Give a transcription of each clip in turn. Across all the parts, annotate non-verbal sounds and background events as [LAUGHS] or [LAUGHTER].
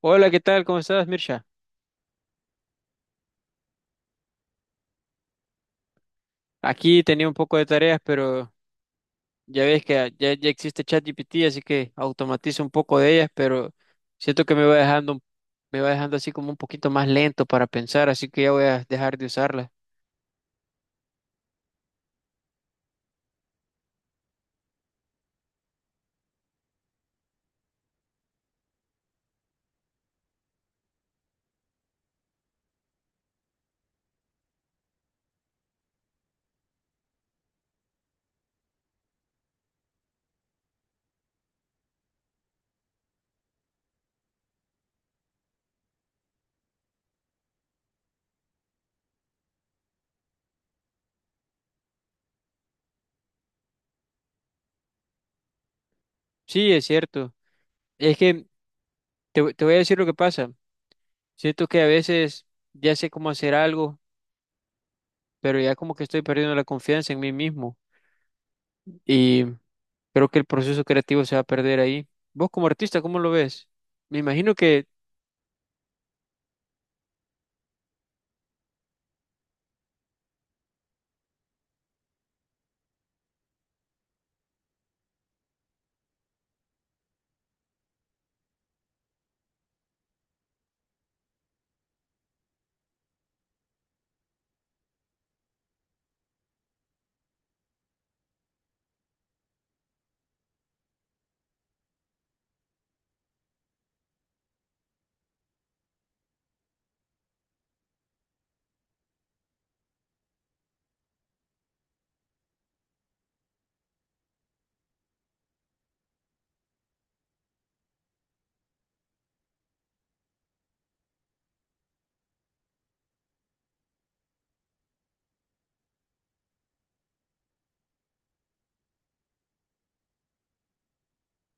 Hola, ¿qué tal? ¿Cómo estás, Mirsha? Aquí tenía un poco de tareas, pero ya ves que ya existe ChatGPT, así que automatizo un poco de ellas, pero siento que me va dejando, me va dejando así como un poquito más lento para pensar, así que ya voy a dejar de usarla. Sí, es cierto. Es que te voy a decir lo que pasa. Siento que a veces ya sé cómo hacer algo, pero ya como que estoy perdiendo la confianza en mí mismo y creo que el proceso creativo se va a perder ahí. ¿Vos como artista, cómo lo ves? Me imagino que,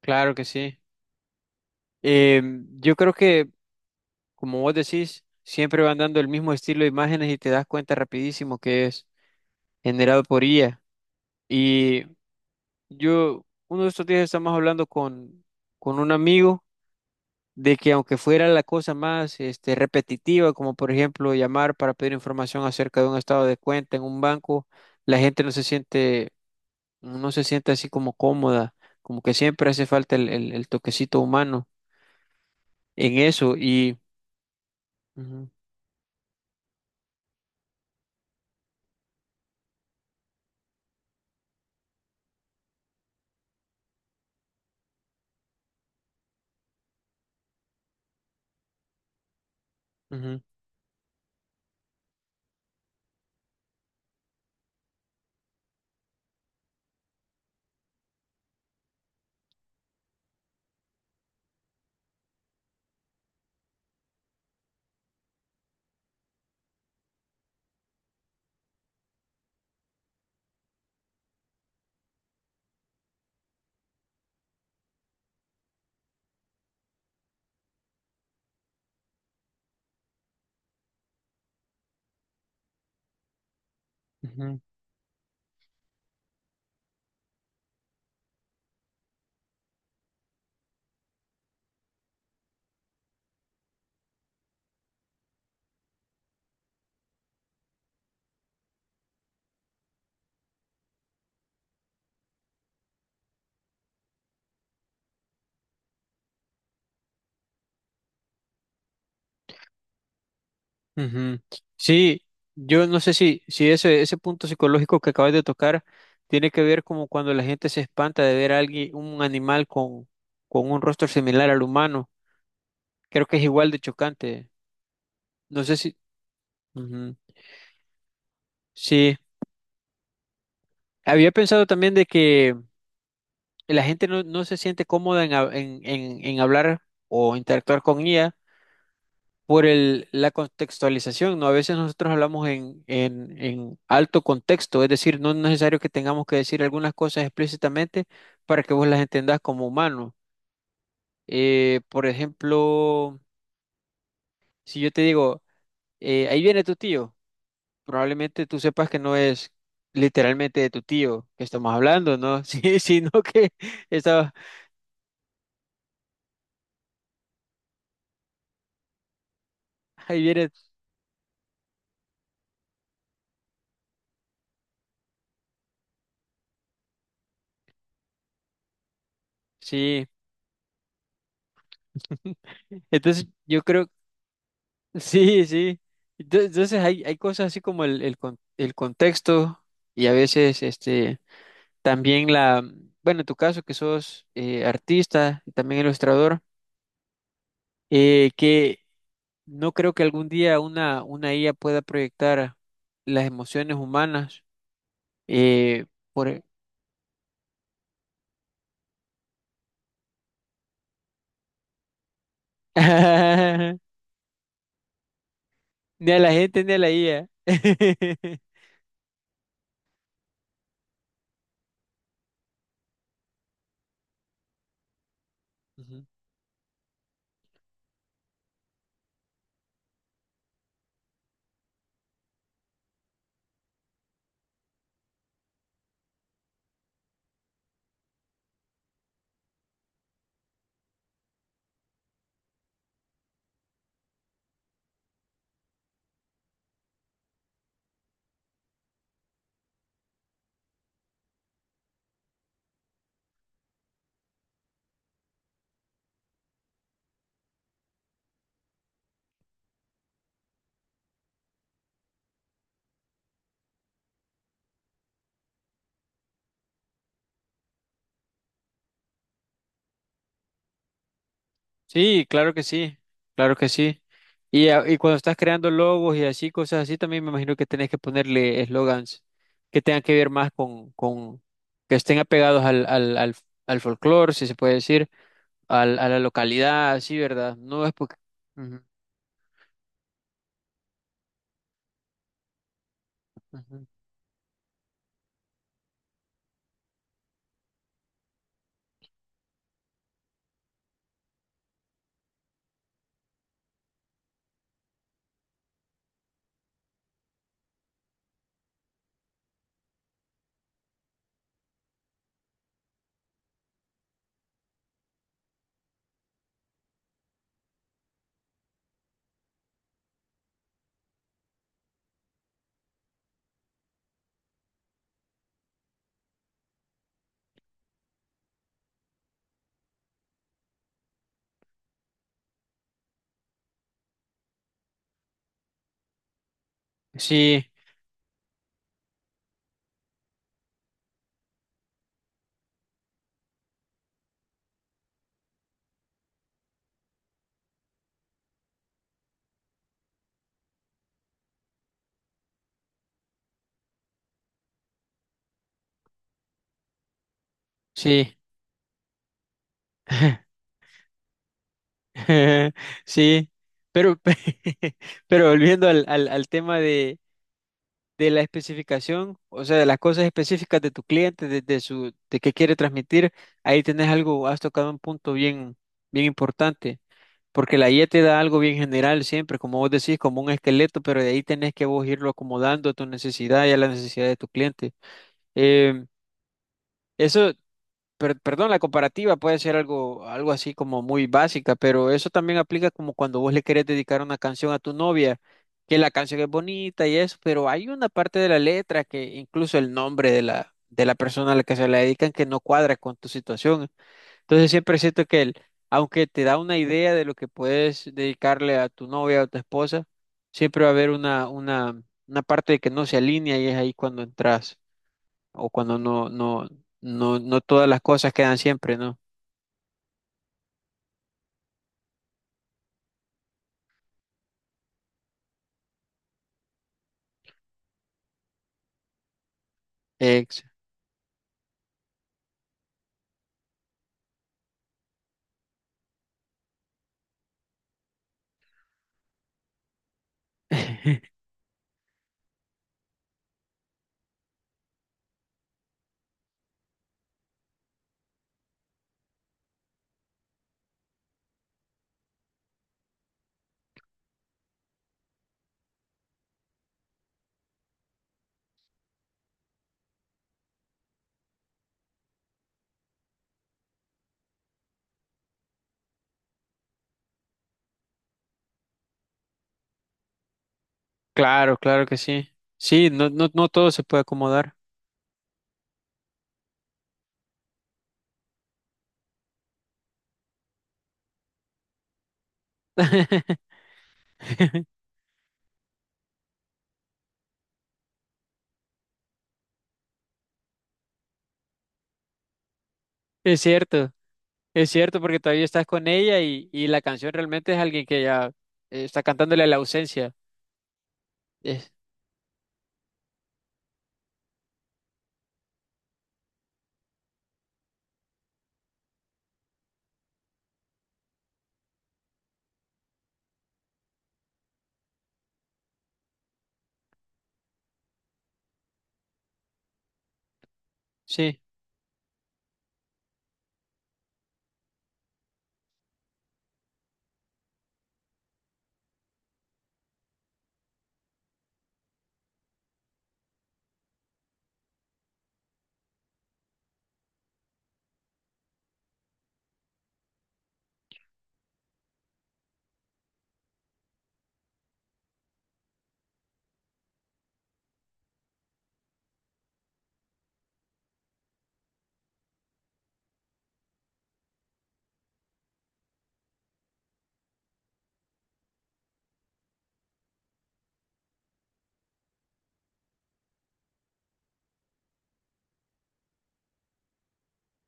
claro que sí. Eh, yo creo que, como vos decís, siempre van dando el mismo estilo de imágenes y te das cuenta rapidísimo que es generado por IA. Y yo, uno de estos días estamos hablando con un amigo de que aunque fuera la cosa más repetitiva, como por ejemplo llamar para pedir información acerca de un estado de cuenta en un banco, la gente no se siente, no se siente así como cómoda, como que siempre hace falta el toquecito humano en eso. Y ujú, ujú, ujú. Ujú. Sí, yo no sé si ese punto psicológico que acabas de tocar tiene que ver como cuando la gente se espanta de ver a alguien, un animal con un rostro similar al humano. Creo que es igual de chocante. No sé si... ujú. Sí, había pensado también de que la gente no, no se siente cómoda en, en hablar o interactuar con ella por el, la contextualización, ¿no? A veces nosotros hablamos en alto contexto, es decir, no es necesario que tengamos que decir algunas cosas explícitamente para que vos las entendás como humano. Por ejemplo, si yo te digo, ahí viene tu tío, probablemente tú sepas que no es literalmente de tu tío que estamos hablando, ¿no? [LAUGHS] Sí, sino que [LAUGHS] estaba, ahí viene, sí. [LAUGHS] Entonces, yo creo. Sí, sí. Entonces hay cosas así como el contexto y a veces también la, bueno, en tu caso que sos artista y también ilustrador, que no creo que algún día una IA pueda proyectar las emociones humanas eh, por... [LAUGHS] ni a la gente ni a la IA. [LAUGHS] Sí, claro que sí, claro que sí. Y, y cuando estás creando logos y así, cosas así, también me imagino que tenés que ponerle eslogans que tengan que ver más con que estén apegados al folclore, si se puede decir, al, a la localidad, así, ¿verdad? No es porque... Ujú, ujú. Sí, sí, [LAUGHS] sí, pero, [LAUGHS] pero volviendo al tema de la especificación, o sea, de las cosas específicas de tu cliente, de su, de qué quiere transmitir, ahí tenés algo, has tocado un punto bien importante, porque la guía te da algo bien general siempre, como vos decís, como un esqueleto, pero de ahí tenés que vos irlo acomodando a tu necesidad y a la necesidad de tu cliente. Em, Eso perdón, la comparativa puede ser algo, algo así como muy básica, pero eso también aplica como cuando vos le querés dedicar una canción a tu novia, que la canción es bonita y eso, pero hay una parte de la letra que incluso el nombre de de la persona a la que se la dedican que no cuadra con tu situación. Entonces siempre siento que el, aunque te da una idea de lo que puedes dedicarle a tu novia o tu esposa, siempre va a haber una parte de que no se alinea y es ahí cuando entras o cuando no todas las cosas quedan siempre, ¿no? Ex. [LAUGHS] Claro, claro que sí. Sí, no, no, no todo se puede acomodar. [LAUGHS] Es cierto, es cierto, porque todavía estás con ella y la canción realmente es alguien que ya está cantándole a la ausencia. Es- sí,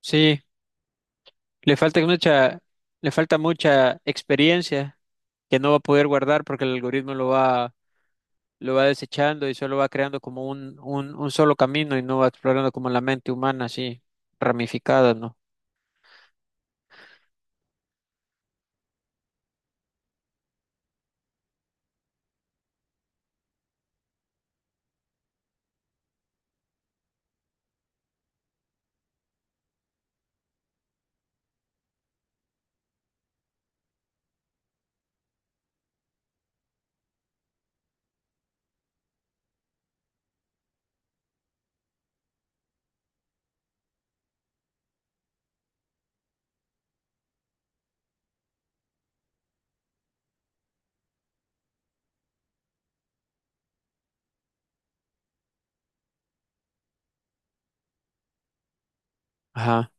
sí, le falta mucha, le falta mucha experiencia que no va a poder guardar porque el algoritmo lo va desechando y solo va creando como un solo camino y no va explorando como la mente humana así ramificada, ¿no? Ajá,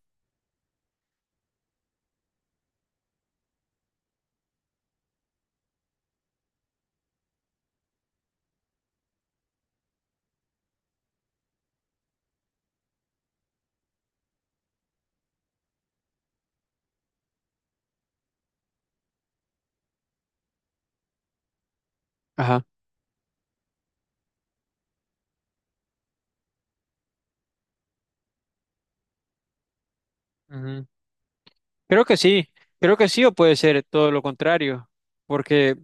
ajá. Ujú. Creo que sí, creo que sí o puede ser todo lo contrario, porque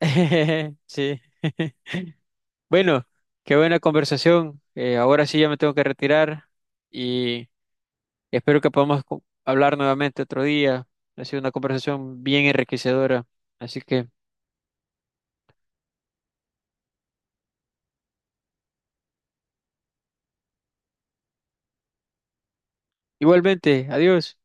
[LAUGHS] sí. [LAUGHS] Bueno, qué buena conversación. Ahora sí ya me tengo que retirar y espero que podamos hablar nuevamente otro día. Ha sido una conversación bien enriquecedora, así que igualmente, adiós.